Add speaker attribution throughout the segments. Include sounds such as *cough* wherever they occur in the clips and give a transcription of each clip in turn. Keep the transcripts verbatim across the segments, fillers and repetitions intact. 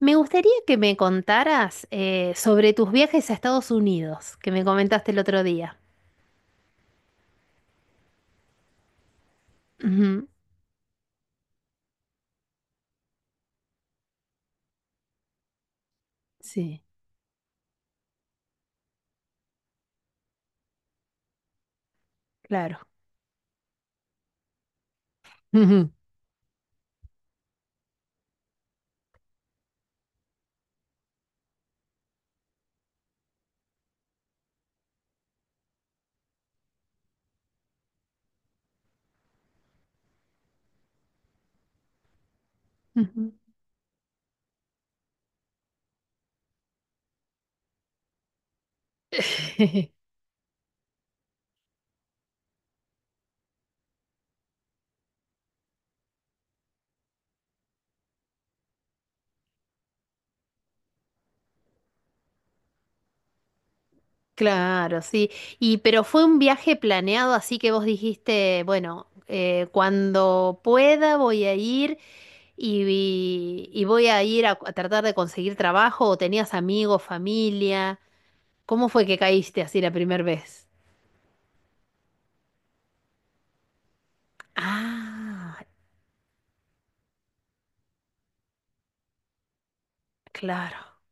Speaker 1: Me gustaría que me contaras eh, sobre tus viajes a Estados Unidos, que me comentaste el otro día. Ujú. Sí, claro. Ujú, ujú. *laughs* Claro, sí. Y pero fue un viaje planeado, así que vos dijiste, bueno, eh, cuando pueda voy a ir y, y- y voy a ir a, a tratar de conseguir trabajo, o tenías amigos, familia. ¿Cómo fue que caíste así la primera vez? Ah, claro.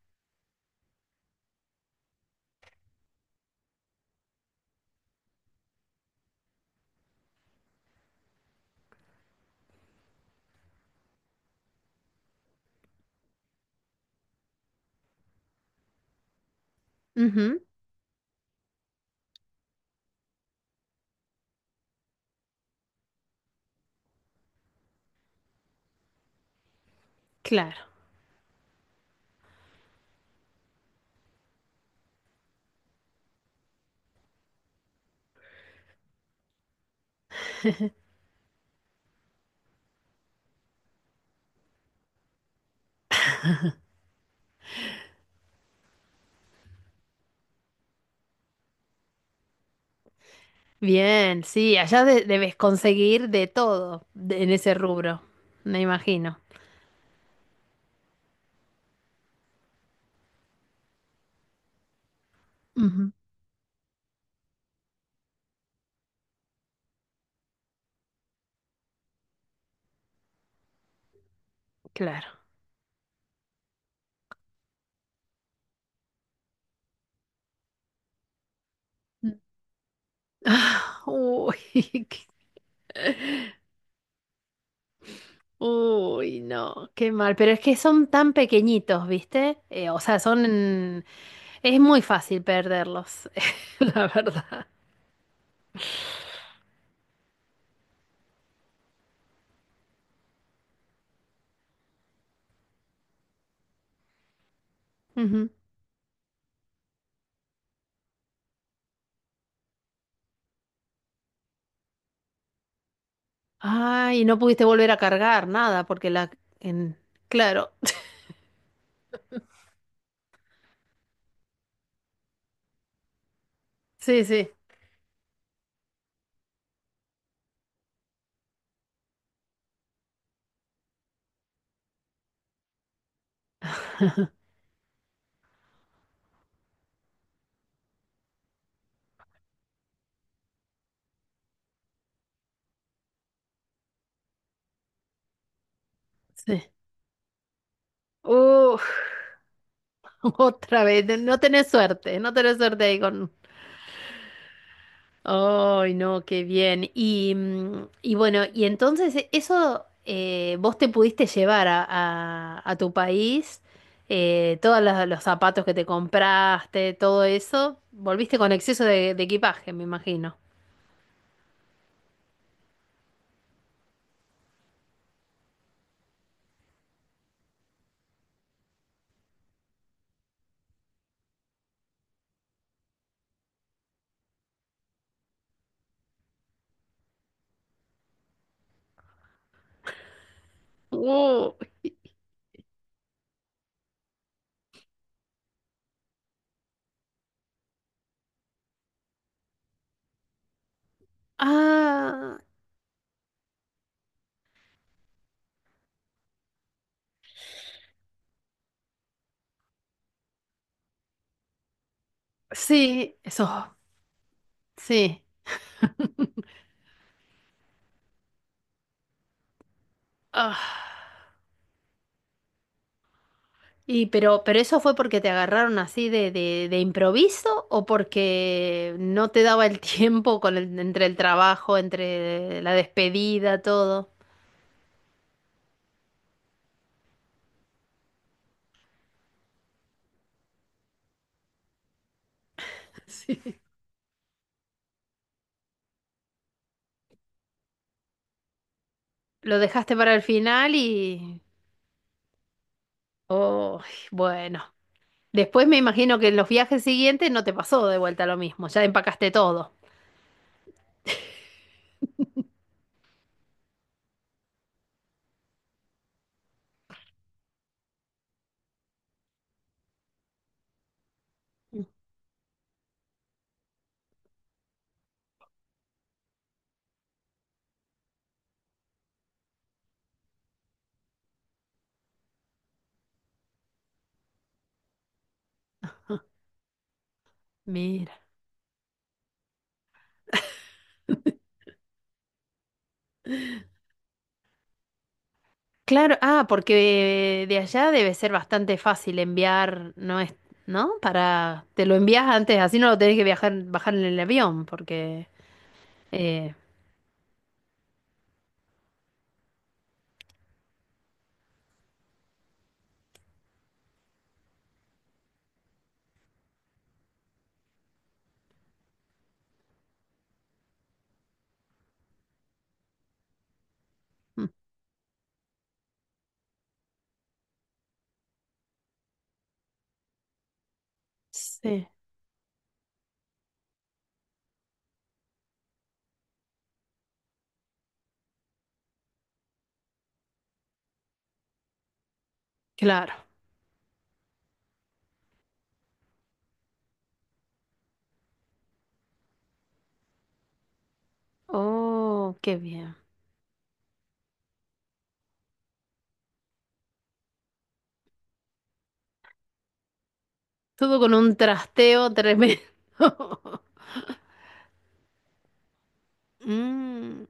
Speaker 1: Ujú, claro. Bien, sí, allá de- debes conseguir de todo de- en ese rubro, me imagino. Ujú. Claro. Ah, uy, *laughs* qué- uy, no, qué mal. Pero es que son tan pequeñitos, ¿viste? Eh, o sea, son... Es muy fácil perderlos, *laughs* la verdad. Ujú. Ay, no pudiste volver a cargar nada porque la... En... Claro. *laughs* Sí, sí, sí. Uf, *laughs* otra vez. No no tenés suerte, no tenés suerte ahí con... Ay, no, qué bien. Y, mm, y bueno, y entonces e- eso, eh, vos te pudiste llevar a, a- a tu país, eh, todos los, los zapatos que te compraste, todo eso, volviste con exceso de, de equipaje, me imagino. Uh, ah, sí, eso, sí. Ah. Y pero, pero eso fue porque te agarraron así de, de, de improviso o porque no te daba el *laughs* tiempo con el- entre el trabajo, entre la despedida, todo. *laughs* Sí. Lo dejaste para el final y... Oh, bueno. Después me imagino que en los viajes siguientes no te pasó de vuelta lo mismo, ya empacaste todo. Mira. Claro, ah, porque de allá debe ser bastante fácil enviar, ¿no es? ¿No? Para, te lo envías antes, así no lo tenés que viajar, bajar en el avión, porque eh, mm, sí, claro. Oh, qué bien. Todo con un trasteo tremendo. *laughs* Mm.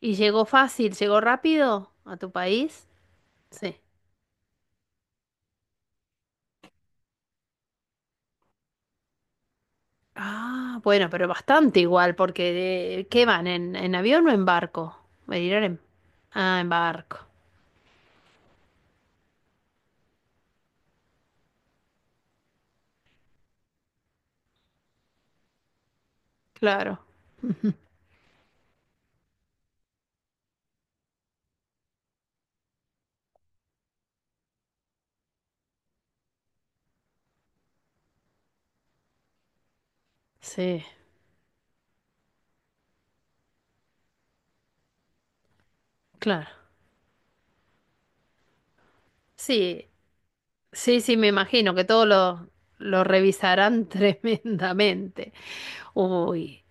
Speaker 1: ¿Y llegó fácil, llegó rápido a tu país? Sí. Ah, bueno, pero bastante igual, porque eh, ¿qué van? ¿En, en avión o en barco? ¿Me dirán en... Ah, en barco. Claro. Sí, claro. Sí, sí, sí, me imagino que todos lo, lo revisarán *laughs* tremendamente. Uy,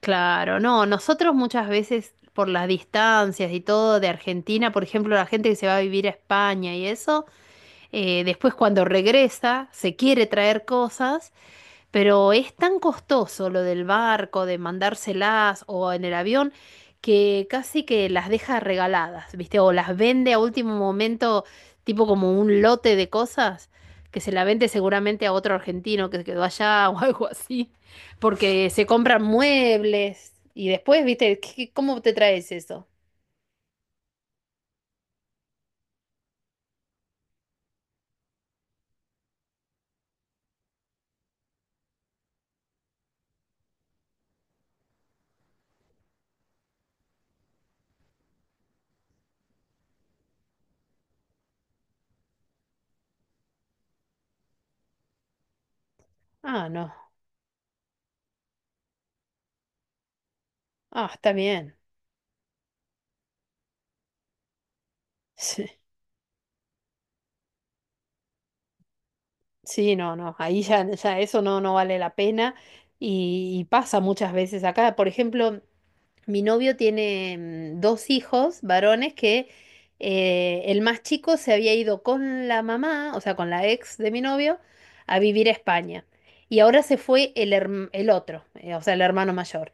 Speaker 1: claro, no, nosotros muchas veces por las distancias y todo de Argentina, por ejemplo, la gente que se va a vivir a España y eso, eh, después cuando regresa se quiere traer cosas. Pero es tan costoso lo del barco, de mandárselas o en el avión, que casi que las deja regaladas, ¿viste? O las vende a último momento, tipo como un lote de cosas, que se la vende seguramente a otro argentino que se quedó allá *laughs* o algo así, porque se compran muebles y después, ¿viste? ¿Qué- qué- ¿Cómo te traes eso? Ah, no. Ah, está bien. Sí, sí, no, no. Ahí ya, ya eso no, no vale la pena. Y, y pasa muchas veces acá. Por ejemplo, mi novio tiene mm, dos hijos varones que eh, el más chico se había ido con la mamá, o sea, con la ex de mi novio, a vivir a España. Y ahora se fue el, herm- el otro, eh, o sea, el hermano mayor.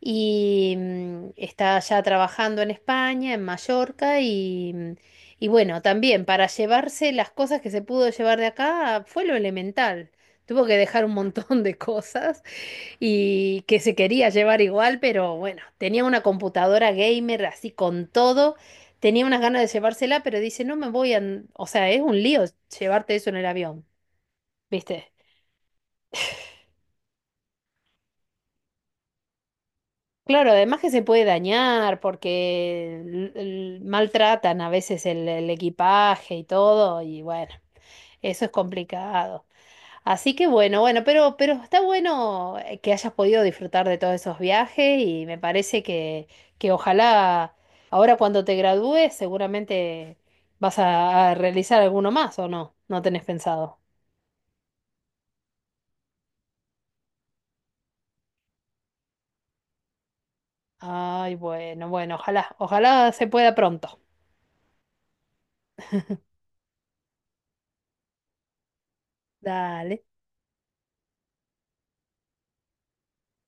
Speaker 1: Y mm, está ya trabajando en España, en Mallorca, y, mm, y bueno, también para llevarse las cosas que se pudo llevar de acá fue lo elemental. Tuvo que dejar un montón de cosas y que se quería llevar igual, pero bueno, tenía una computadora gamer así con todo, tenía unas ganas de llevársela, pero dice, no me voy a... an- O sea, es un lío llevarte eso en el avión, ¿viste? Claro, además que se puede dañar porque l- l- maltratan a veces el, el equipaje y todo, y bueno, eso es complicado. Así que bueno, bueno, pero, pero está bueno eh, que hayas podido disfrutar de todos esos viajes y me parece que, que ojalá ahora cuando te gradúes seguramente vas a, a realizar alguno más o no, no tenés pensado. Ay, bueno, bueno, ojalá, ojalá se pueda pronto. Dale.